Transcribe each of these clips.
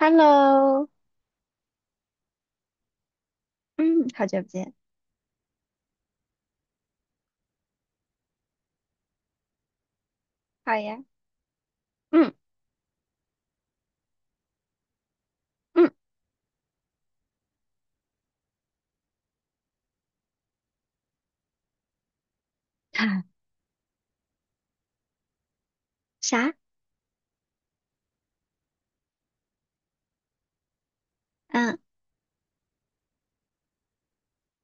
Hello，嗯，好久不见。好呀，嗯嗯，啥？嗯，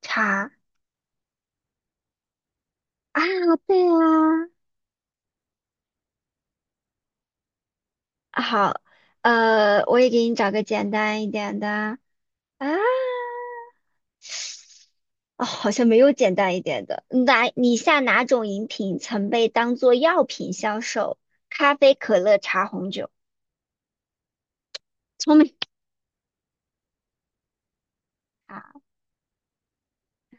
茶啊，对啊，啊好，我也给你找个简单一点的啊，哦，好像没有简单一点的。哪？你下哪种饮品曾被当做药品销售？咖啡、可乐、茶、红酒。聪明啊，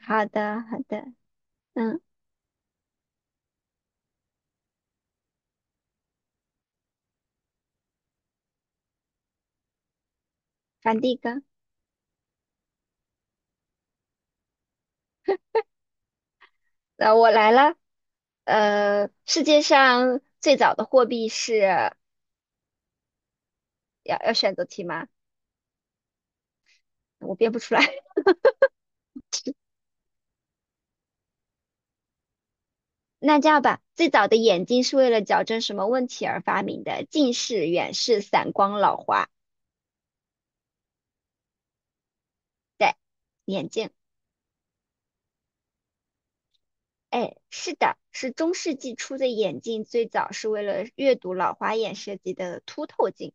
好的好的，嗯，反第一个，我来了，世界上最早的货币是要选择题吗？我编不出来。那这样吧，最早的眼睛是为了矫正什么问题而发明的？近视、远视、散光、老花。对，眼镜。哎，是的，是中世纪初的眼镜，最早是为了阅读老花眼设计的凸透镜。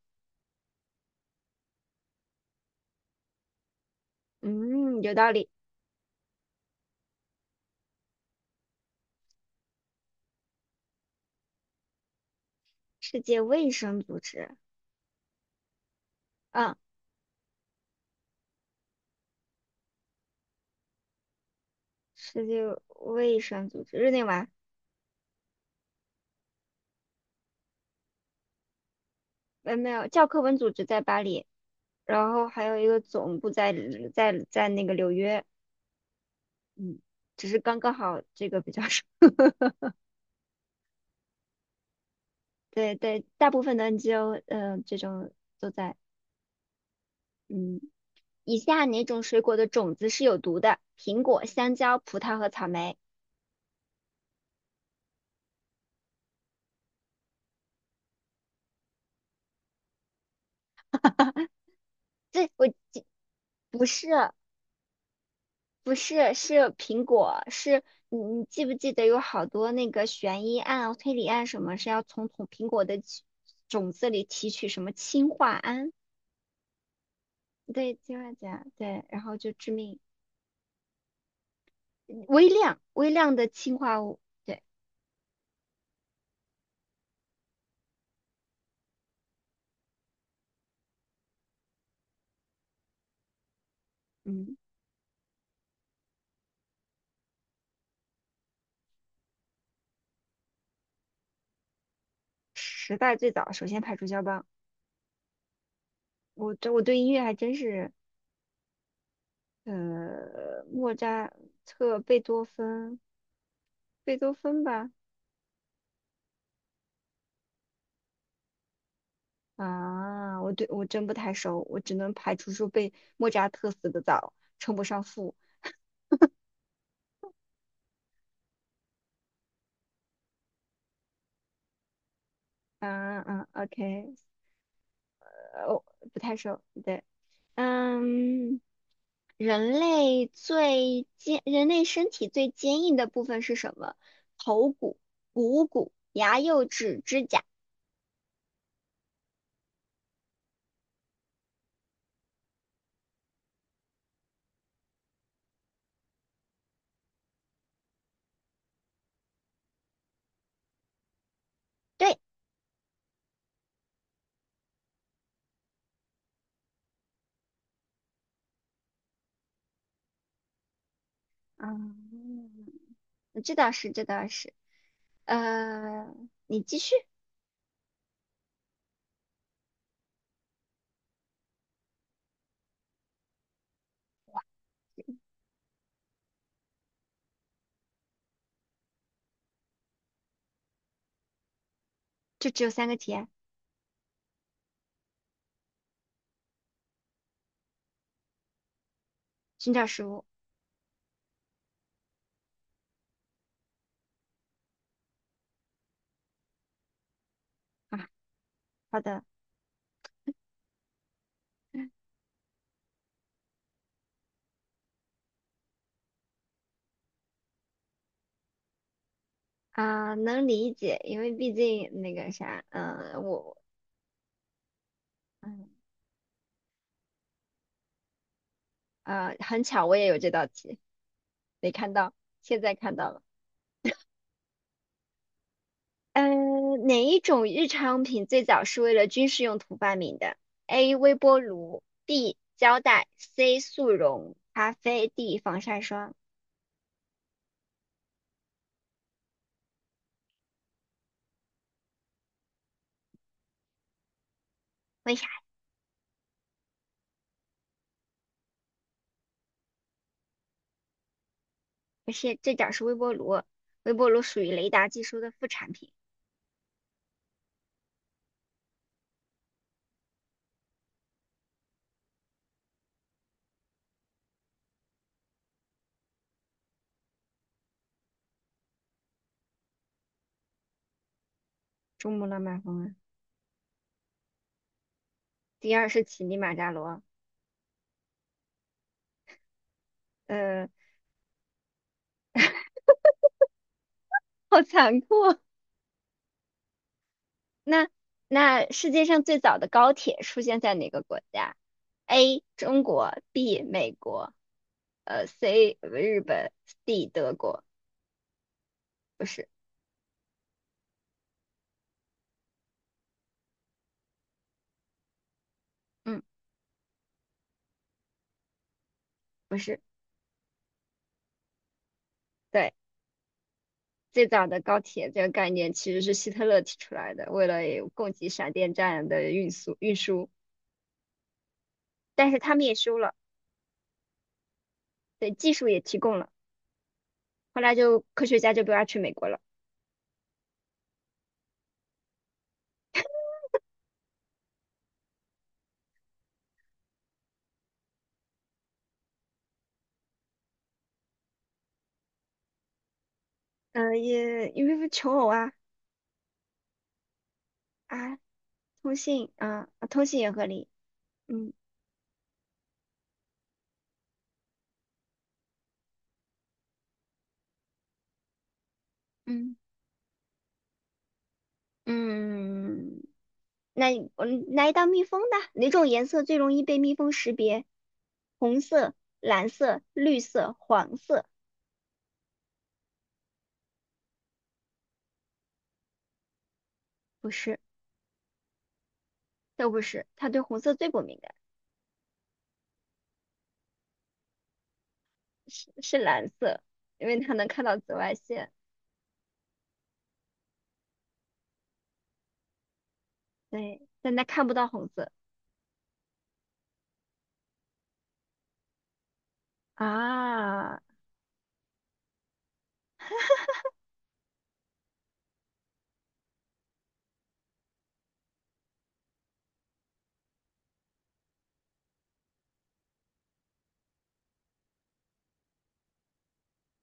嗯，有道理。世界卫生组织，嗯，世界卫生组织，日内瓦，没有，教科文组织在巴黎。然后还有一个总部在那个纽约，嗯，只是刚刚好这个比较少，对对，大部分的 NGO，这种都在，嗯，以下哪种水果的种子是有毒的？苹果、香蕉、葡萄和草莓。这我不是不是，是苹果，是你记不记得有好多那个悬疑案、推理案什么是要从苹果的起种子里提取什么氰化铵？对，氰化钾，对，然后就致命。微量微量的氰化物，对，嗯，时代最早首先排除肖邦。我对音乐还真是，莫扎特、贝多芬吧，啊，我真不太熟，我只能排除说被莫扎特死得早，称不上父。嗯嗯，OK，我不太熟，对，嗯。人类身体最坚硬的部分是什么？头骨、股骨、牙、釉质、指甲。对，嗯，这倒是，这倒是。呃，你继续，就只有三个题，寻找食物啊。好的，啊，能理解，因为毕竟那个啥，嗯、我，嗯，啊，很巧，我也有这道题，没看到，现在看到了。哪一种日常用品最早是为了军事用途发明的？A. 微波炉，B. 胶带，C. 速溶咖啡，D. 防晒霜。为啥？不是，最早是微波炉，微波炉属于雷达技术的副产品。珠穆朗玛峰啊。第二是乞力马扎罗。呃，好残酷。那那世界上最早的高铁出现在哪个国家？A. 中国，B. 美国，C. 日本，D. 德国。不是，嗯，不是，对，最早的高铁这个概念其实是希特勒提出来的，为了也供给闪电战的运输，但是他们也修了，对，技术也提供了，后来就科学家就不要去美国了，嗯、也因为求偶啊啊，通信啊，啊通信也合理，嗯嗯嗯，那你我来一道蜜蜂的，哪种颜色最容易被蜜蜂识别？红色、蓝色、绿色、黄色，不是。都不是，他对红色最不敏感，是蓝色，因为他能看到紫外线，对，但他看不到红色啊。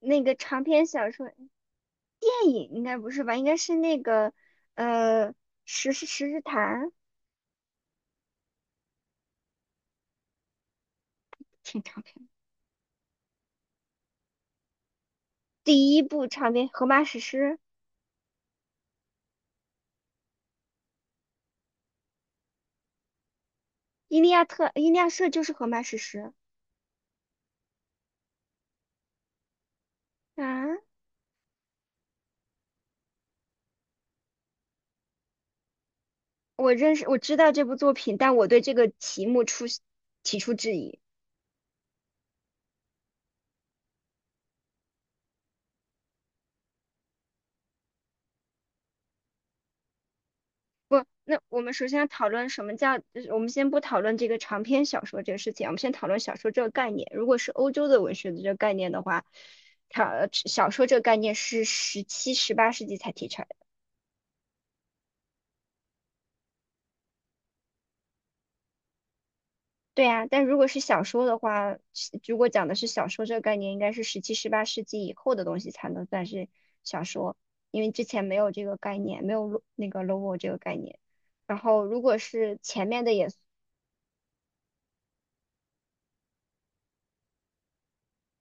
那个长篇小说电影应该不是吧？应该是那个呃《十世十日谈》挺长篇的，第一部长篇《荷马史诗》，伊利亚特就是《荷马史诗》啊。我认识我知道这部作品，但我对这个题目提出质疑。那我们首先要讨论什么叫，我们先不讨论这个长篇小说这个事情，我们先讨论小说这个概念。如果是欧洲的文学的这个概念的话，它小说这个概念是十七、十八世纪才提出来的。对呀，但如果是小说的话，如果讲的是小说这个概念，应该是十七、十八世纪以后的东西才能算是小说，因为之前没有这个概念，没有那个 logo 这个概念。然后，如果是前面的也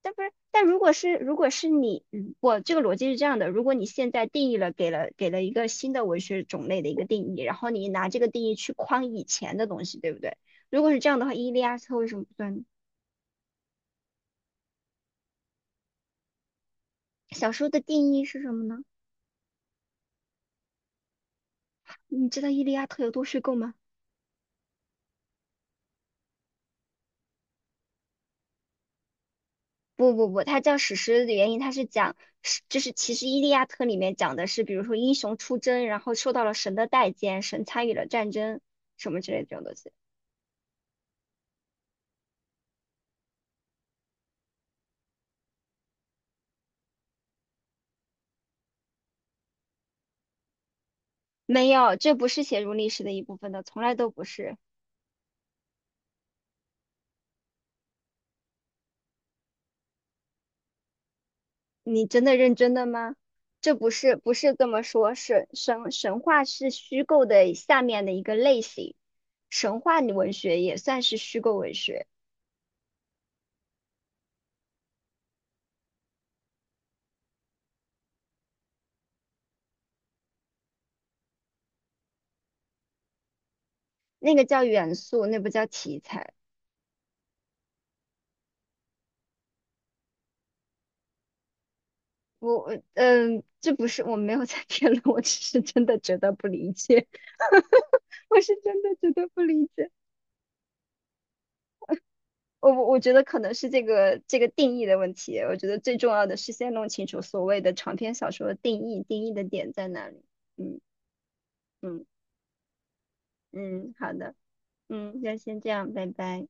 但不是，但如果是你，我这个逻辑是这样的：如果你现在定义了，给了一个新的文学种类的一个定义，然后你拿这个定义去框以前的东西，对不对？如果是这样的话，伊利亚特为什么不算呢小说的定义是什么呢？你知道伊利亚特有多虚构吗？不不不，它叫史诗的原因，它是讲是就是其实伊利亚特里面讲的是，比如说英雄出征，然后受到了神的待见，神参与了战争什么之类的这种东西。没有，这不是写入历史的一部分的，从来都不是。你真的认真的吗？这不是这么说，神话是虚构的下面的一个类型，神话文学也算是虚构文学，那个叫元素，那不叫题材。我我嗯，这不是我没有在辩论，我只是真的觉得不理解，我是真的觉得不理解。我觉得可能是这个定义的问题，我觉得最重要的是先弄清楚所谓的长篇小说的定义，定义的点在哪里。嗯嗯嗯，好的。嗯，那先这样，拜拜。